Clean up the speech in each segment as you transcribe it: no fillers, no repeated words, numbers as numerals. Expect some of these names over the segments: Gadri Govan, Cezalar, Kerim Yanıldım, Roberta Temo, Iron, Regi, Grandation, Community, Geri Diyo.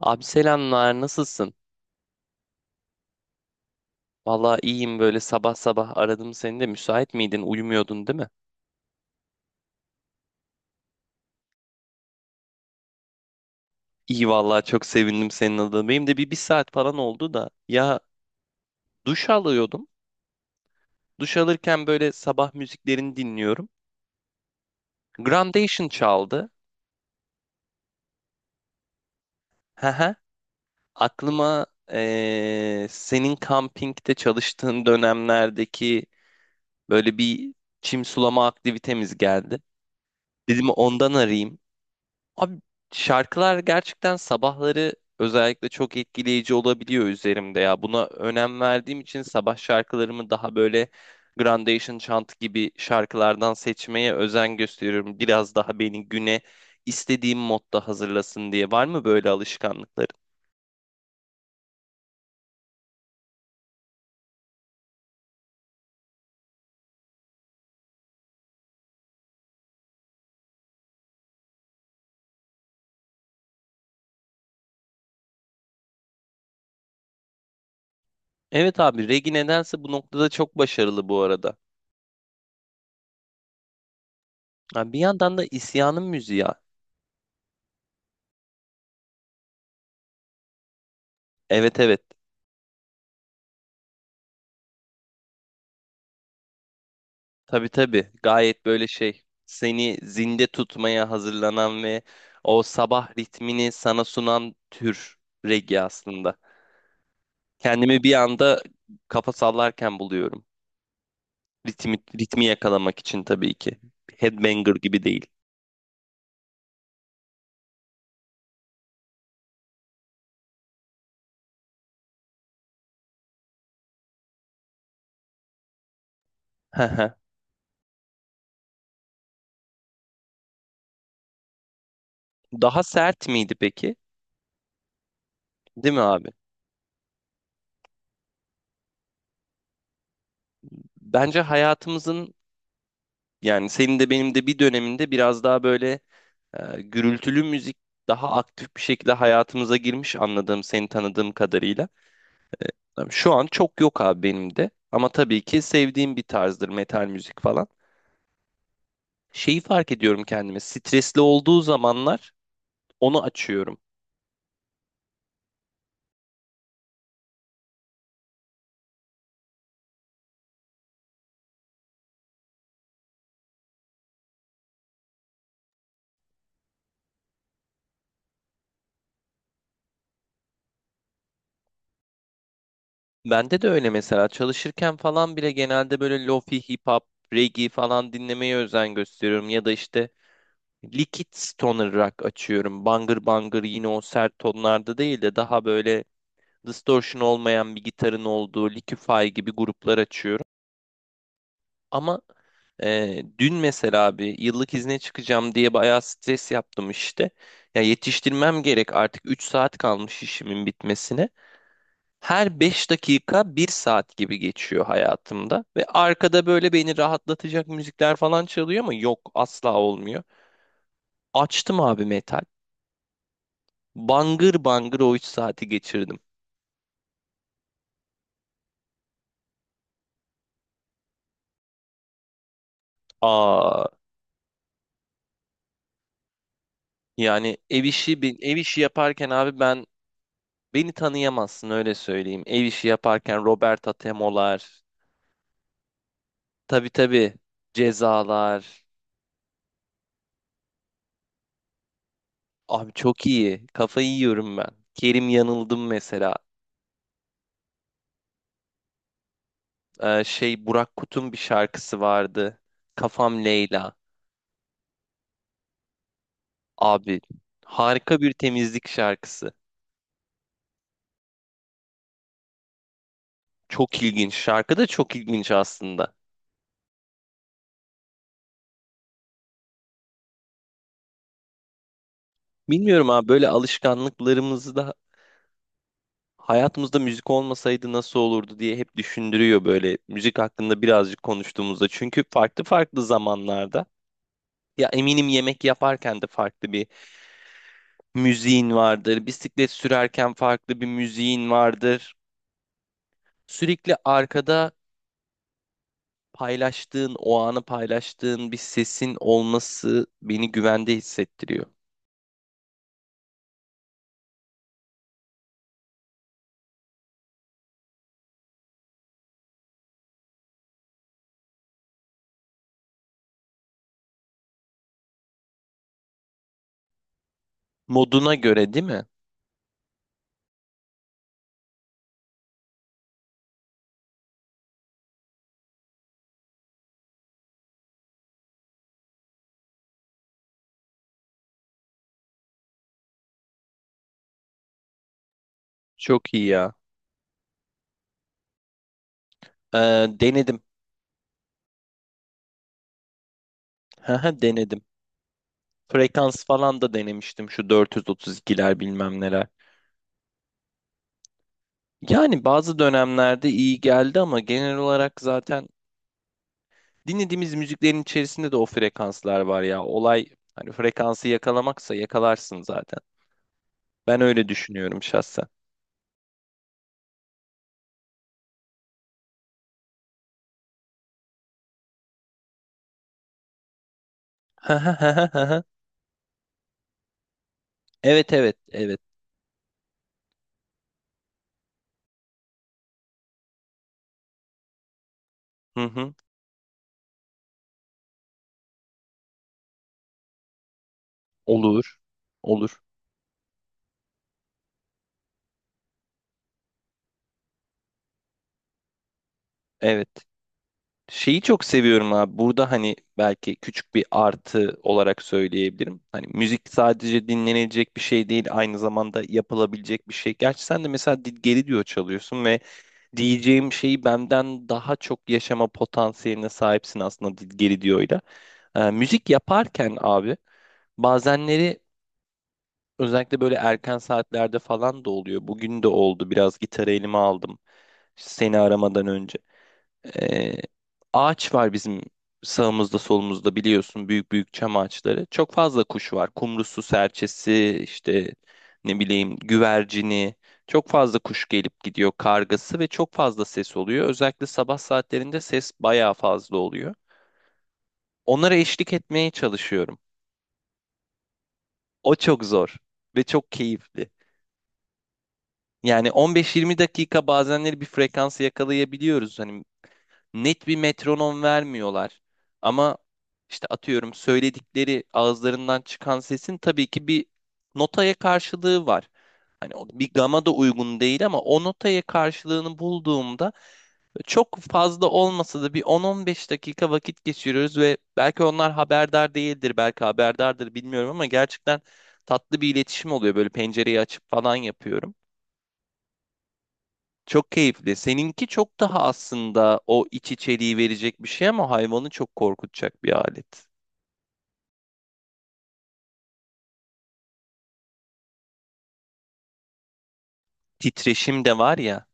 Abi selamlar, nasılsın? Vallahi iyiyim böyle sabah sabah aradım seni de müsait miydin? Uyumuyordun değil mi? İyi vallahi çok sevindim senin adına. Benim de bir saat falan oldu da ya duş alıyordum. Duş alırken böyle sabah müziklerini dinliyorum. Grandation çaldı. Haha. Aklıma senin kampingde çalıştığın dönemlerdeki böyle bir çim sulama aktivitemiz geldi. Dedim ondan arayayım. Abi şarkılar gerçekten sabahları özellikle çok etkileyici olabiliyor üzerimde ya. Buna önem verdiğim için sabah şarkılarımı daha böyle Grandation Chant gibi şarkılardan seçmeye özen gösteriyorum. Biraz daha beni güne istediğim modda hazırlasın diye. Var mı böyle alışkanlıkların? Evet abi Regi nedense bu noktada çok başarılı bu arada. Ha, bir yandan da isyanın müziği ya. Evet evet. Tabii tabii. Gayet böyle şey seni zinde tutmaya hazırlanan ve o sabah ritmini sana sunan tür reggae aslında. Kendimi bir anda kafa sallarken buluyorum. Ritmi yakalamak için tabii ki. Headbanger gibi değil. Daha sert miydi peki? Değil mi abi? Bence hayatımızın yani senin de benim de bir döneminde biraz daha böyle gürültülü müzik daha aktif bir şekilde hayatımıza girmiş anladığım, seni tanıdığım kadarıyla. Şu an çok yok abi benim de. Ama tabii ki sevdiğim bir tarzdır metal müzik falan. Şeyi fark ediyorum kendime. Stresli olduğu zamanlar onu açıyorum. Bende de öyle mesela çalışırken falan bile genelde böyle lofi, hip hop, reggae falan dinlemeye özen gösteriyorum. Ya da işte liquid stoner rock açıyorum. Bangır bangır yine o sert tonlarda değil de daha böyle distortion olmayan bir gitarın olduğu Liquify gibi gruplar açıyorum. Ama dün mesela abi yıllık izne çıkacağım diye bayağı stres yaptım işte. Ya yetiştirmem gerek artık 3 saat kalmış işimin bitmesine. Her 5 dakika bir saat gibi geçiyor hayatımda. Ve arkada böyle beni rahatlatacak müzikler falan çalıyor ama yok asla olmuyor. Açtım abi metal. Bangır bangır o 3 saati geçirdim. Aa, yani ev işi yaparken abi ben beni tanıyamazsın öyle söyleyeyim. Ev işi yaparken Roberta Temo'lar, tabii tabii. Cezalar. Abi çok iyi. Kafayı yiyorum ben. Kerim Yanıldım mesela. Şey Burak Kut'un bir şarkısı vardı. Kafam Leyla. Abi harika bir temizlik şarkısı. Çok ilginç. Şarkı da çok ilginç aslında. Bilmiyorum abi böyle alışkanlıklarımızı da hayatımızda müzik olmasaydı nasıl olurdu diye hep düşündürüyor böyle müzik hakkında birazcık konuştuğumuzda. Çünkü farklı farklı zamanlarda ya eminim yemek yaparken de farklı bir müziğin vardır. Bisiklet sürerken farklı bir müziğin vardır. Sürekli arkada paylaştığın, o anı paylaştığın bir sesin olması beni güvende hissettiriyor. Moduna göre değil mi? Çok iyi ya. Ee, denedim. Haha, denedim. Frekans falan da denemiştim şu 432'ler bilmem neler. Yani bazı dönemlerde iyi geldi ama genel olarak zaten dinlediğimiz müziklerin içerisinde de o frekanslar var ya. Olay hani frekansı yakalamaksa yakalarsın zaten. Ben öyle düşünüyorum şahsen. Evet evet evet. Hı hı. Olur. Olur. Evet. Şeyi çok seviyorum abi. Burada hani belki küçük bir artı olarak söyleyebilirim. Hani müzik sadece dinlenecek bir şey değil, aynı zamanda yapılabilecek bir şey. Gerçi sen de mesela geri diyor çalıyorsun ve diyeceğim şeyi benden daha çok yaşama potansiyeline sahipsin aslında Geri Diyo'yla. Müzik yaparken abi bazenleri özellikle böyle erken saatlerde falan da oluyor. Bugün de oldu biraz gitarı elime aldım işte seni aramadan önce. Ee, ağaç var bizim sağımızda solumuzda biliyorsun büyük büyük çam ağaçları. Çok fazla kuş var. Kumrusu, serçesi, işte ne bileyim güvercini. Çok fazla kuş gelip gidiyor kargası ve çok fazla ses oluyor. Özellikle sabah saatlerinde ses bayağı fazla oluyor. Onlara eşlik etmeye çalışıyorum. O çok zor ve çok keyifli. Yani 15-20 dakika bazenleri bir frekansı yakalayabiliyoruz. Hani net bir metronom vermiyorlar. Ama işte atıyorum söyledikleri ağızlarından çıkan sesin tabii ki bir notaya karşılığı var. Hani o bir gama da uygun değil ama o notaya karşılığını bulduğumda çok fazla olmasa da bir 10-15 dakika vakit geçiriyoruz ve belki onlar haberdar değildir, belki haberdardır bilmiyorum ama gerçekten tatlı bir iletişim oluyor. Böyle pencereyi açıp falan yapıyorum. Çok keyifli. Seninki çok daha aslında o iç içeriği verecek bir şey ama hayvanı çok korkutacak bir alet. Titreşim de var ya.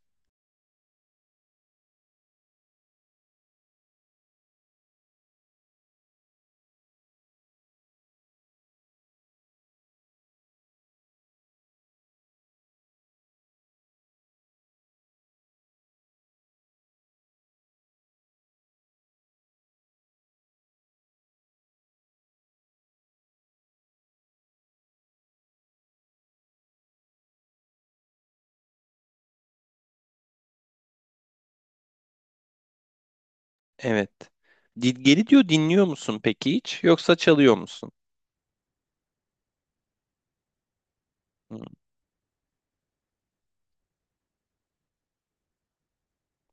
Evet. Di- Geri diyor dinliyor musun peki hiç yoksa çalıyor musun? Hmm.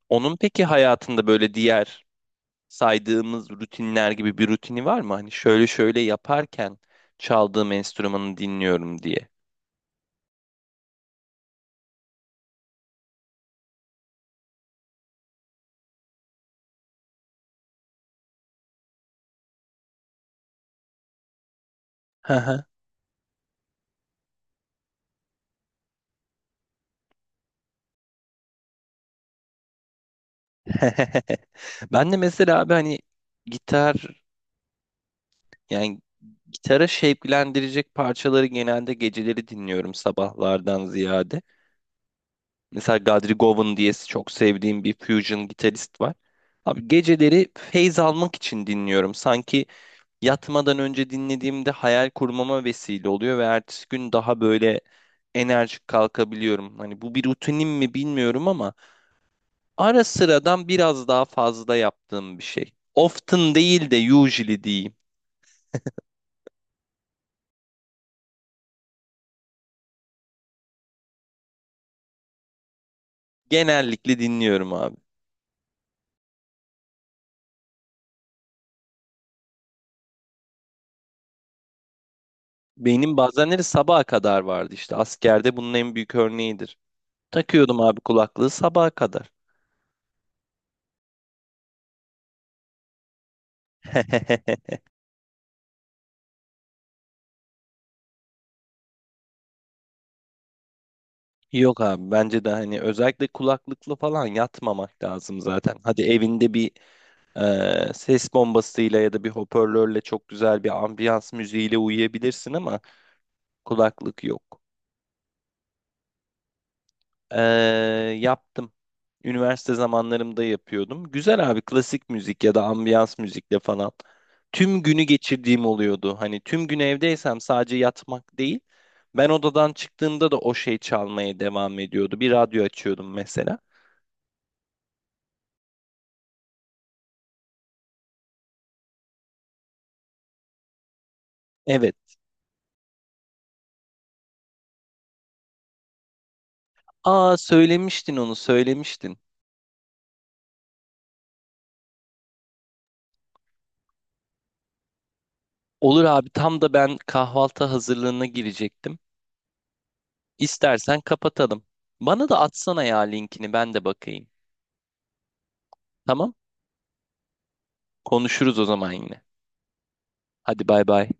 Onun peki hayatında böyle diğer saydığımız rutinler gibi bir rutini var mı? Hani şöyle şöyle yaparken çaldığım enstrümanı dinliyorum diye. Hı hı. Ben de mesela abi hani gitar yani gitara şevklendirecek parçaları genelde geceleri dinliyorum sabahlardan ziyade. Mesela Gadri Govan diye çok sevdiğim bir fusion gitarist var. Abi geceleri feyz almak için dinliyorum. Sanki yatmadan önce dinlediğimde hayal kurmama vesile oluyor ve ertesi gün daha böyle enerjik kalkabiliyorum. Hani bu bir rutinim mi bilmiyorum ama ara sıradan biraz daha fazla yaptığım bir şey. Often değil de usually diyeyim. Genellikle dinliyorum abi. Benim bazenleri sabaha kadar vardı işte. Askerde bunun en büyük örneğidir. Takıyordum abi kulaklığı sabaha kadar. Yok abi bence de hani özellikle kulaklıklı falan yatmamak lazım zaten. Hadi evinde bir ses bombasıyla ya da bir hoparlörle çok güzel bir ambiyans müziğiyle uyuyabilirsin ama kulaklık yok. Ee, yaptım. Üniversite zamanlarımda yapıyordum. Güzel abi klasik müzik ya da ambiyans müzikle falan. Tüm günü geçirdiğim oluyordu. Hani tüm gün evdeysem sadece yatmak değil. Ben odadan çıktığımda da o şey çalmaya devam ediyordu. Bir radyo açıyordum mesela. Evet. Aa, söylemiştin onu söylemiştin. Olur abi tam da ben kahvaltı hazırlığına girecektim. İstersen kapatalım. Bana da atsana ya linkini ben de bakayım. Tamam? Konuşuruz o zaman yine. Hadi bay bay.